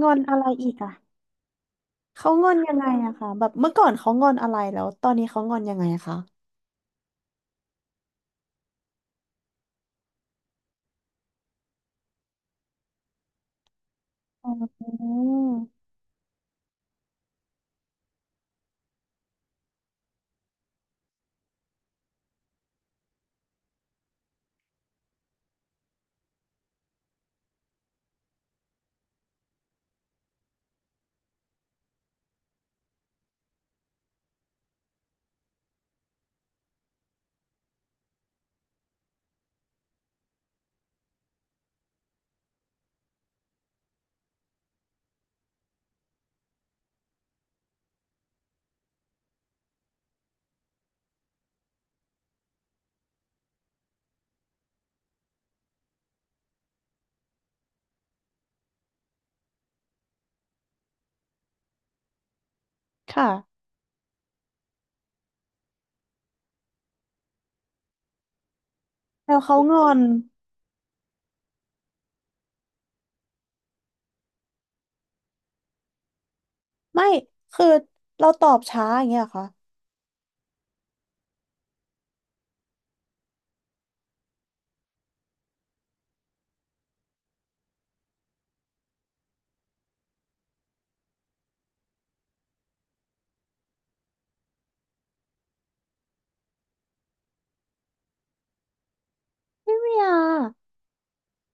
งอนอะไรอีกอะเขางอนยังไงอะคะแบบเมื่อก่อนเขางอนอะไรแล้วตอนนี้เขางอนยังไงอะคะอ๋อค่ะแล้วเขางอนไม่คือเราตอบช้าอย่างเงี้ยเหรอคะไม่อะ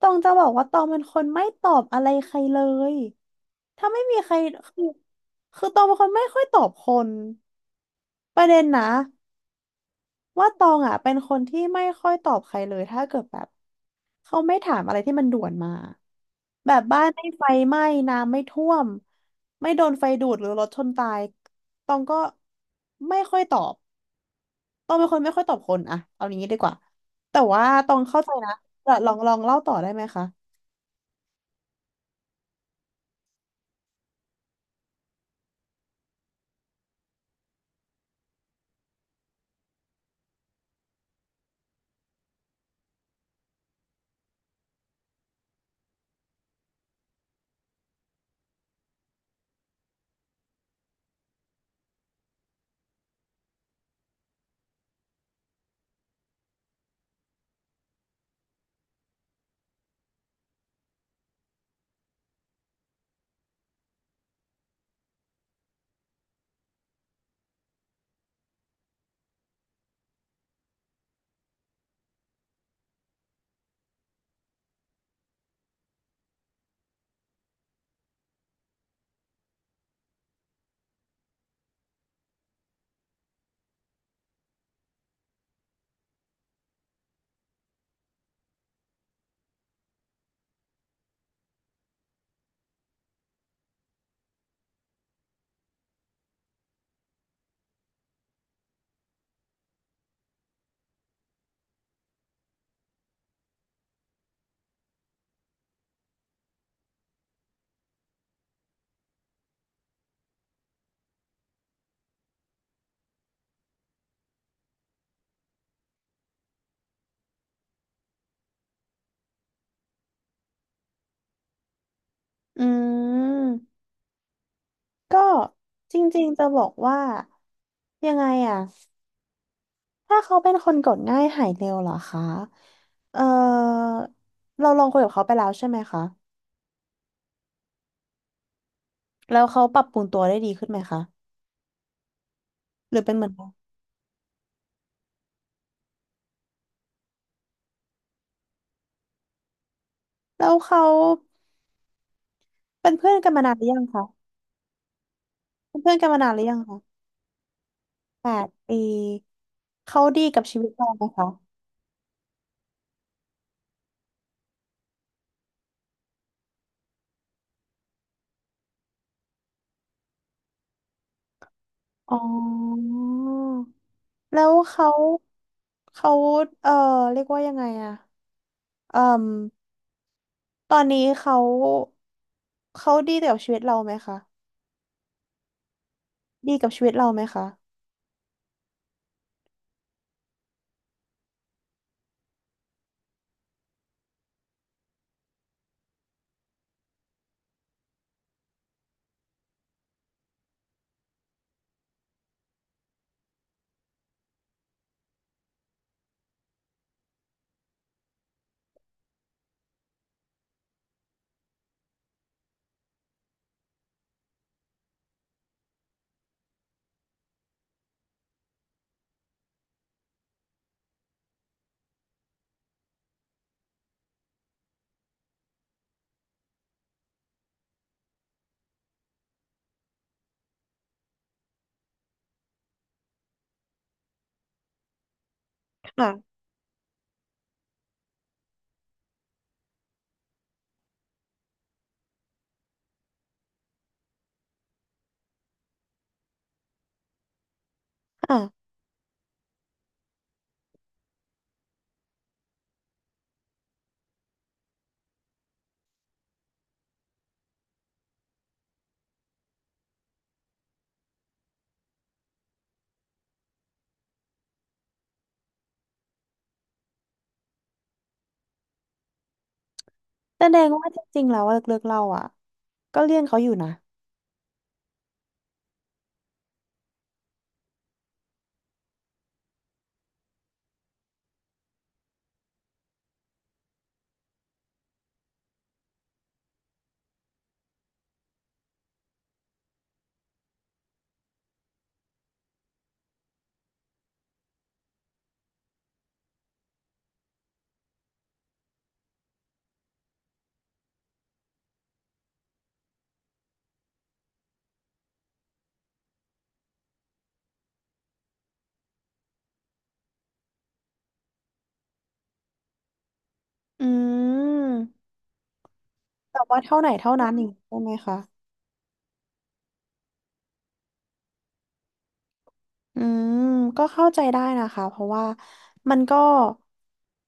ตองจะบอกว่าตองเป็นคนไม่ตอบอะไรใครเลยถ้าไม่มีใครคือคือตองเป็นคนไม่ค่อยตอบคนประเด็นนะ ว่าตองอ่ะเป็นคนที่ไม่ค่อยตอบใครเลยถ้าเกิดแบบเขาไม่ถามอะไรที่มันด่วนมาแบบบ้านไม่ไฟไหม้น้ำไม่ท่วมไม่โดนไฟดูดหรือรถชนตายตองก็ไม่ค่อยตอบตองเป็นคนไม่ค่อยตอบคนอะเอาอย่างนี้ดีกว่าแต่ว่าตองเข้าใจนะเดีลองเล่าต่อได้ไหมคะอืมก็จริงๆจะบอกว่ายังไงอ่ะ ถ้าเขาเป็นคนกดง่ายหายเร็วเหรอคะเออเราลองคุยกับเขาไปแล้วใช่ไหมคะแล้วเขาปรับปรุงตัวได้ดีขึ้นไหมคะหรือเป็นเหมือนเราแล้วเขาเป็นเพื่อนกันมานานหรือยังคะเป็นเพื่อนกันมานานหรือยังคะแปดปีเขาดีกับชีวิตเราไหมคะอ๋อแล้วเขาเขาเออเรียกว่ายังไงอะเอ่มตอนนี้เขาดีกับชีวิตเราไหมคะดีกับชีวิตเราไหมคะค่ะค่ะ แสดงว่าจริงๆแล้วเลิกๆเราอ่ะก็เลี่ยงเขาอยู่นะอืมแต่ว่าเท่าไหนเท่านั้นอย่างนี้ใช่ไหมคะอืมก็เข้าใจได้นะคะเพราะว่ามันก็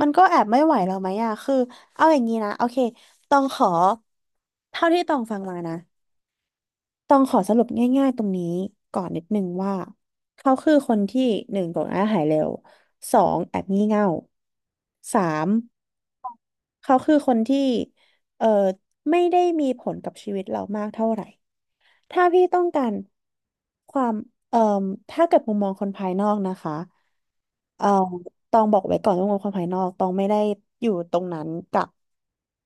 มันก็แอบไม่ไหวเราไหมอะคือเอาอย่างนี้นะโอเคต้องขอเท่าที่ต้องฟังมานะต้องขอสรุปง่ายๆตรงนี้ก่อนนิดนึงว่าเขาคือคนที่หนึ่งโกรธง่ายหายเร็วสองแอบงี่เง่าสาม เขาคือคนที่เอ่อไม่ได้มีผลกับชีวิตเรามากเท่าไหร่ ถ้าพี่ต้องการความเอ่อถ้าเกิดมุมมองคนภายนอกนะคะ เอ่อตองบอกไว้ก่อนว่างบความภายนอกตองไม่ได้อยู่ตรงนั้นกับ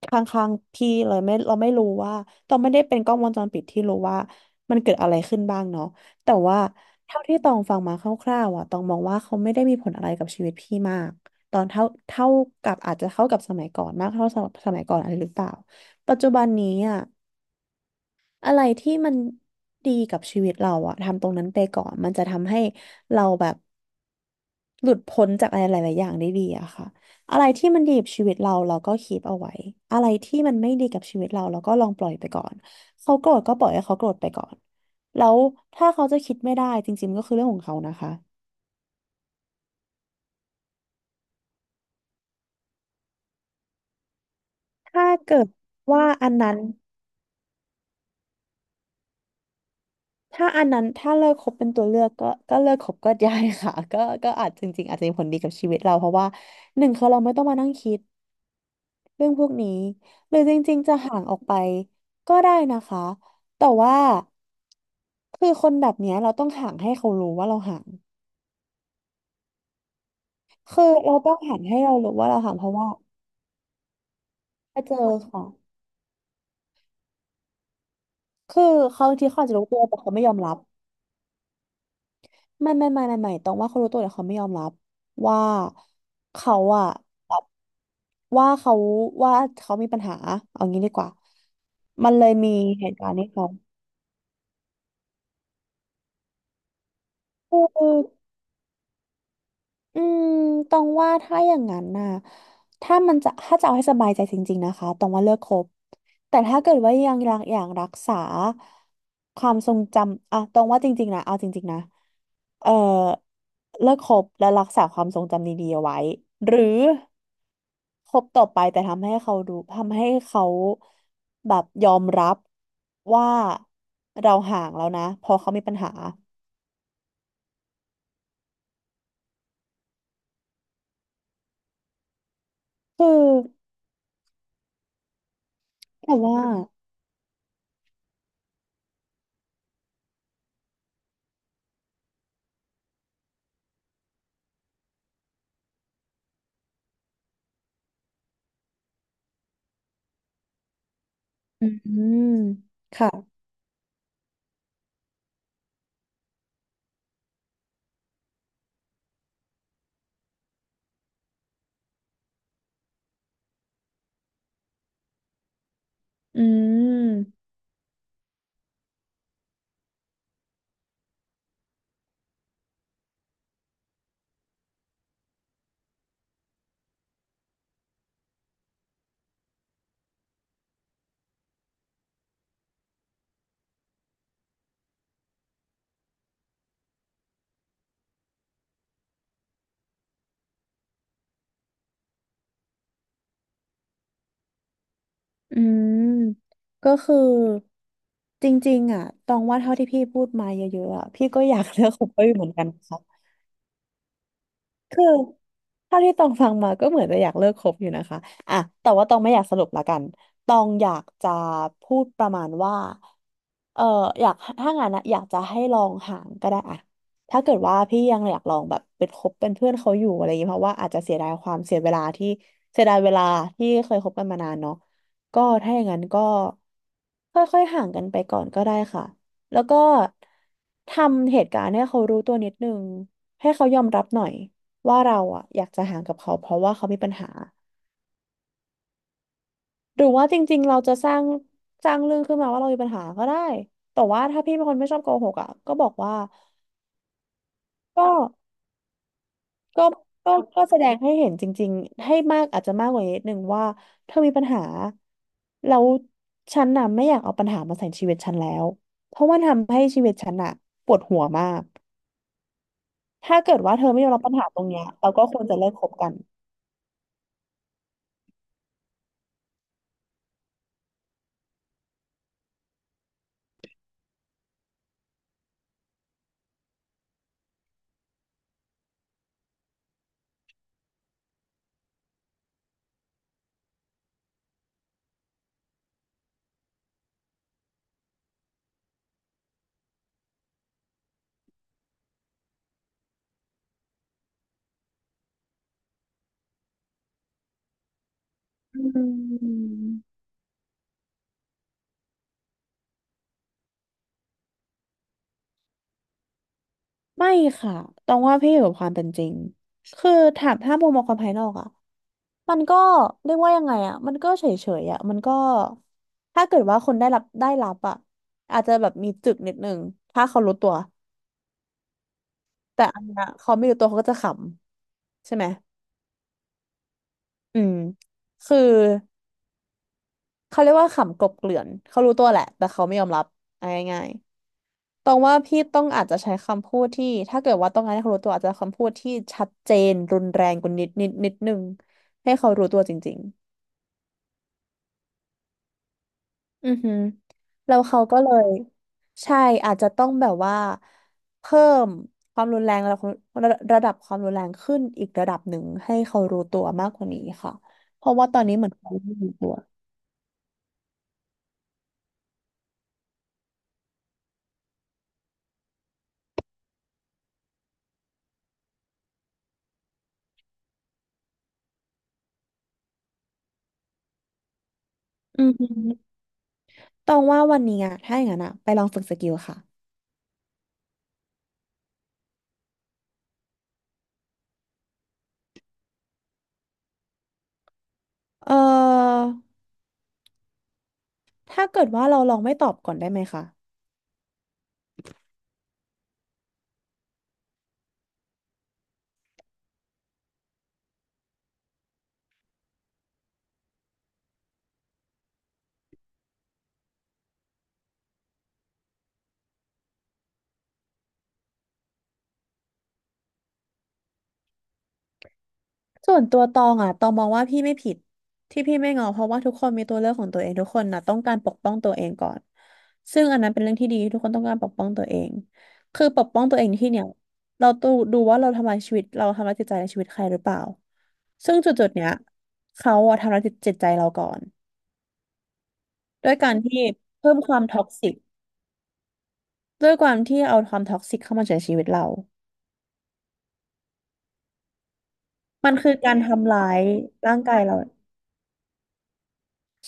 ข้างๆพี่เลยไม่เราไม่รู้ว่าตองไม่ได้เป็นกล้องวงจรปิดที่รู้ว่ามันเกิดอะไรขึ้นบ้างเนาะแต่ว่าเท่าที่ตองฟังมาคร่าวๆอ่ะตองมองว่าเขาไม่ได้มีผลอะไรกับชีวิตพี่มากตอนเท่ากับอาจจะเท่ากับสมัยก่อนมากเท่าสมัยก่อนอะไรหรือเปล่าปัจจุบันนี้อ่ะอะไรที่มันดีกับชีวิตเราอ่ะทำตรงนั้นไปก่อนมันจะทำให้เราแบบ หลุดพ้นจากอะไรหลายๆอย่างได้ดีอะค่ะอะไรที่มันดีกับชีวิตเราเราก็คีปเอาไว้ อะไรที่มันไม่ดีกับชีวิตเราเราก็ลองปล่อยไปก่อนเขาโกรธก็ปล่อยให้เขาโกรธไปก่อนแล้วถ้าเขาจะคิดไม่ได้จริงๆก็คือเรื่องของเขานะคะถ้าเกิดว่าอันนั้นถ้าอันนั้นถ้าเลิกคบเป็นตัวเลือกก็เลิกคบก็ได้ค่ะก็อาจจริงๆอาจจะมีผลดีกับชีวิตเราเพราะว่าหนึ่งคือเราไม่ต้องมานั่งคิด เรื่องพวกนี้หรือจริงๆจะห่างออกไปก็ได้นะคะแต่ว่าคือคนแบบเนี้ยเราต้องห่างให้เขารู้ว่าเราห่างคือเราต้องห่างให้เรารู้ว่าเราห่างเพราะว่าไปเจอค่ะคือเขาบางทีเขาอาจจะรู้ตัวแต่เขาไม่ยอมรับไม่ต้องว่าเขารู้ตัวแต่เขาไม่ยอมรับว่าเขาอะแบบว่าว่าเขามีปัญหาเอางี้ดีกว่ามันเลยมีเหตุการณ์นี้เขา อืมตองว่าถ้าอย่างนั้นน่ะถ้าจะเอาให้สบายใจจริงๆนะคะตองว่าเลิกคบแต่ถ้าเกิดว่ายังรักอย่างรักษาความทรงจำอ่ะตองว่าจริงๆนะเอาจริงๆนะเอ่อเลิกคบและรักษาความทรงจำดีๆเอาไว้หรือคบต่อไปแต่ทำให้เขาแบบยอมรับว่าเราห่างแล้วนะเพอเขามีปัญหาคือแต่ว่าอืมค่ะ อืมอืมก็คือจริงๆอ่ะตองว่าเท่าที่พี่พูดมาเยอะๆอ่ะพี่ก็อยากเลือกคุปเปอร์อยู่เหมือนกันค่ะ คือเท่าที่ตองฟังมาก็เหมือนจะอยากเลิกคบอยู่นะคะอ่ะแต่ว่าตองไม่อยากสรุปละกันตองอยากจะพูดประมาณว่าเอออยากถ้างั้นนะอยากจะให้ลองห่างก็ได้อะถ้าเกิดว่าพี่ยังอยากลองแบบเป็นคบเป็นเพื่อนเขาอยู่อะไรอย่างเงี้ยเพราะว่าอาจจะเสียดายความเสียเวลาที่เสียดายเวลาที่เคยคบกันมานานเนาะก็ถ้าอย่างนั้นก็ค่อยๆห่างกันไปก่อนก็ได้ค่ะแล้วก็ทำเหตุการณ์ให้เขารู้ตัวนิดนึงให้เขายอมรับหน่อย ว่าเราอะอยากจะห่างกับเขาเพราะว่าเขามีปัญหาหรือว่าจริงๆเราจะสร้างเรื่องขึ้นมาว่าเรามีปัญหาก็ได้แต่ว่าถ้าพี่เป็นคนไม่ชอบโกหกอะก็บอกว่าก็ก็ก็แสดงให้เห็นจริงๆให้มากอาจจะมากกว่านิดนึงว่าเธอมีปัญหาแล้วฉันน่ะไม่อยากเอาปัญหามาใส่ชีวิตฉันแล้วเพราะมันทำให้ชีวิตฉันน่ะปวดหัวมากถ้าเกิดว่าเธอไม่ยอมรับปัญหาตรงเนี้ยเราก็ควรจะเลิกคบกันอืม ไม่ค่ะต้องว่าพี่อยู่กับความเป็นจริงคือถามถ้ามุมมองคนภายนอกอะมันก็เรียกว่ายังไงอะมันก็เฉยเฉยอะมันก็ถ้าเกิดว่าคนได้รับอะอาจจะแบบมีจึกนิดนึงถ้าเขารู้ตัว แต่อันเนี้ยเขาไม่รู้ตัวเขาก็จะขำใช่ไหม อืมคือเขาเรียกว่าขำกลบเกลื่อนเขารู้ตัวแหละ แต่เขาไม่ยอมรับเอาง่าย ตองว่าพี่ต้องอาจจะใช้คำพูดที่ถ้าเกิดว่าต้องการให้เขารู้ตัวอาจจะคำพูดที่ชัดเจนรุนแรงกว่านิดนึงให้เขารู้ตัวจริงๆอือหือแล้วเขาก็เลยใช่อาจจะต้องแบบว่าเพิ่มความรุนแรงระดับระระดับความรุนแรงขึ้นอีกระดับหนึ่งให้เขารู้ตัวมากกว่านี้ค่ะเพราะว่าตอนนี้เหมือนเขาไม่รู้ตัวอือหือตองว่าวันนี้อะถ้าอย่างนั้นอะไปลองฝึกสกิลค่ะเอ่อถ้าเกิดว่าเราลองไม่ตอบก่อนได้ไหมคะ ส่วนตัวตองอ่ะตองมองว่าพี่ไม่ผิดที่พี่ไม่งอเพราะว่าทุกคนมีตัวเลือกของตัวเองทุกคนน่ะต้องการปกป้องตัวเองก่อนซึ่งอันนั้นเป็นเรื่องที่ดีทุกคนต้องการปกป้องตัวเองคือปกป้องตัวเองในที่เนี่ยเราต้องดูว่าเราทำลายชีวิตเราทำลายจิตใจในชีวิตใครหรือเปล่าซึ่งจุดๆเนี้ยเขาอะทำลายจิตใจเราก่อนด้วยการที่เพิ่มความท็อกซิกด้วยความที่เอาความท็อกซิกเข้ามาในชีวิตเรามันคือการทำร้ายร่างกายเรา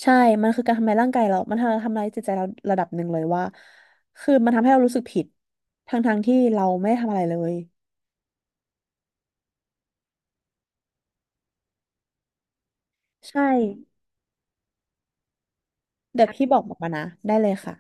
ใช่ มันคือการทำลายร่างกายเรามันทำลายจิตใจเราระดับหนึ่งเลยว่า คือมันทำให้เรารู้สึกผิดทั้งๆที่เราไม่ได้ทำอะไรเลย ใช่ เดี๋ยวพี่บอกมานะ ได้เลยค่ะ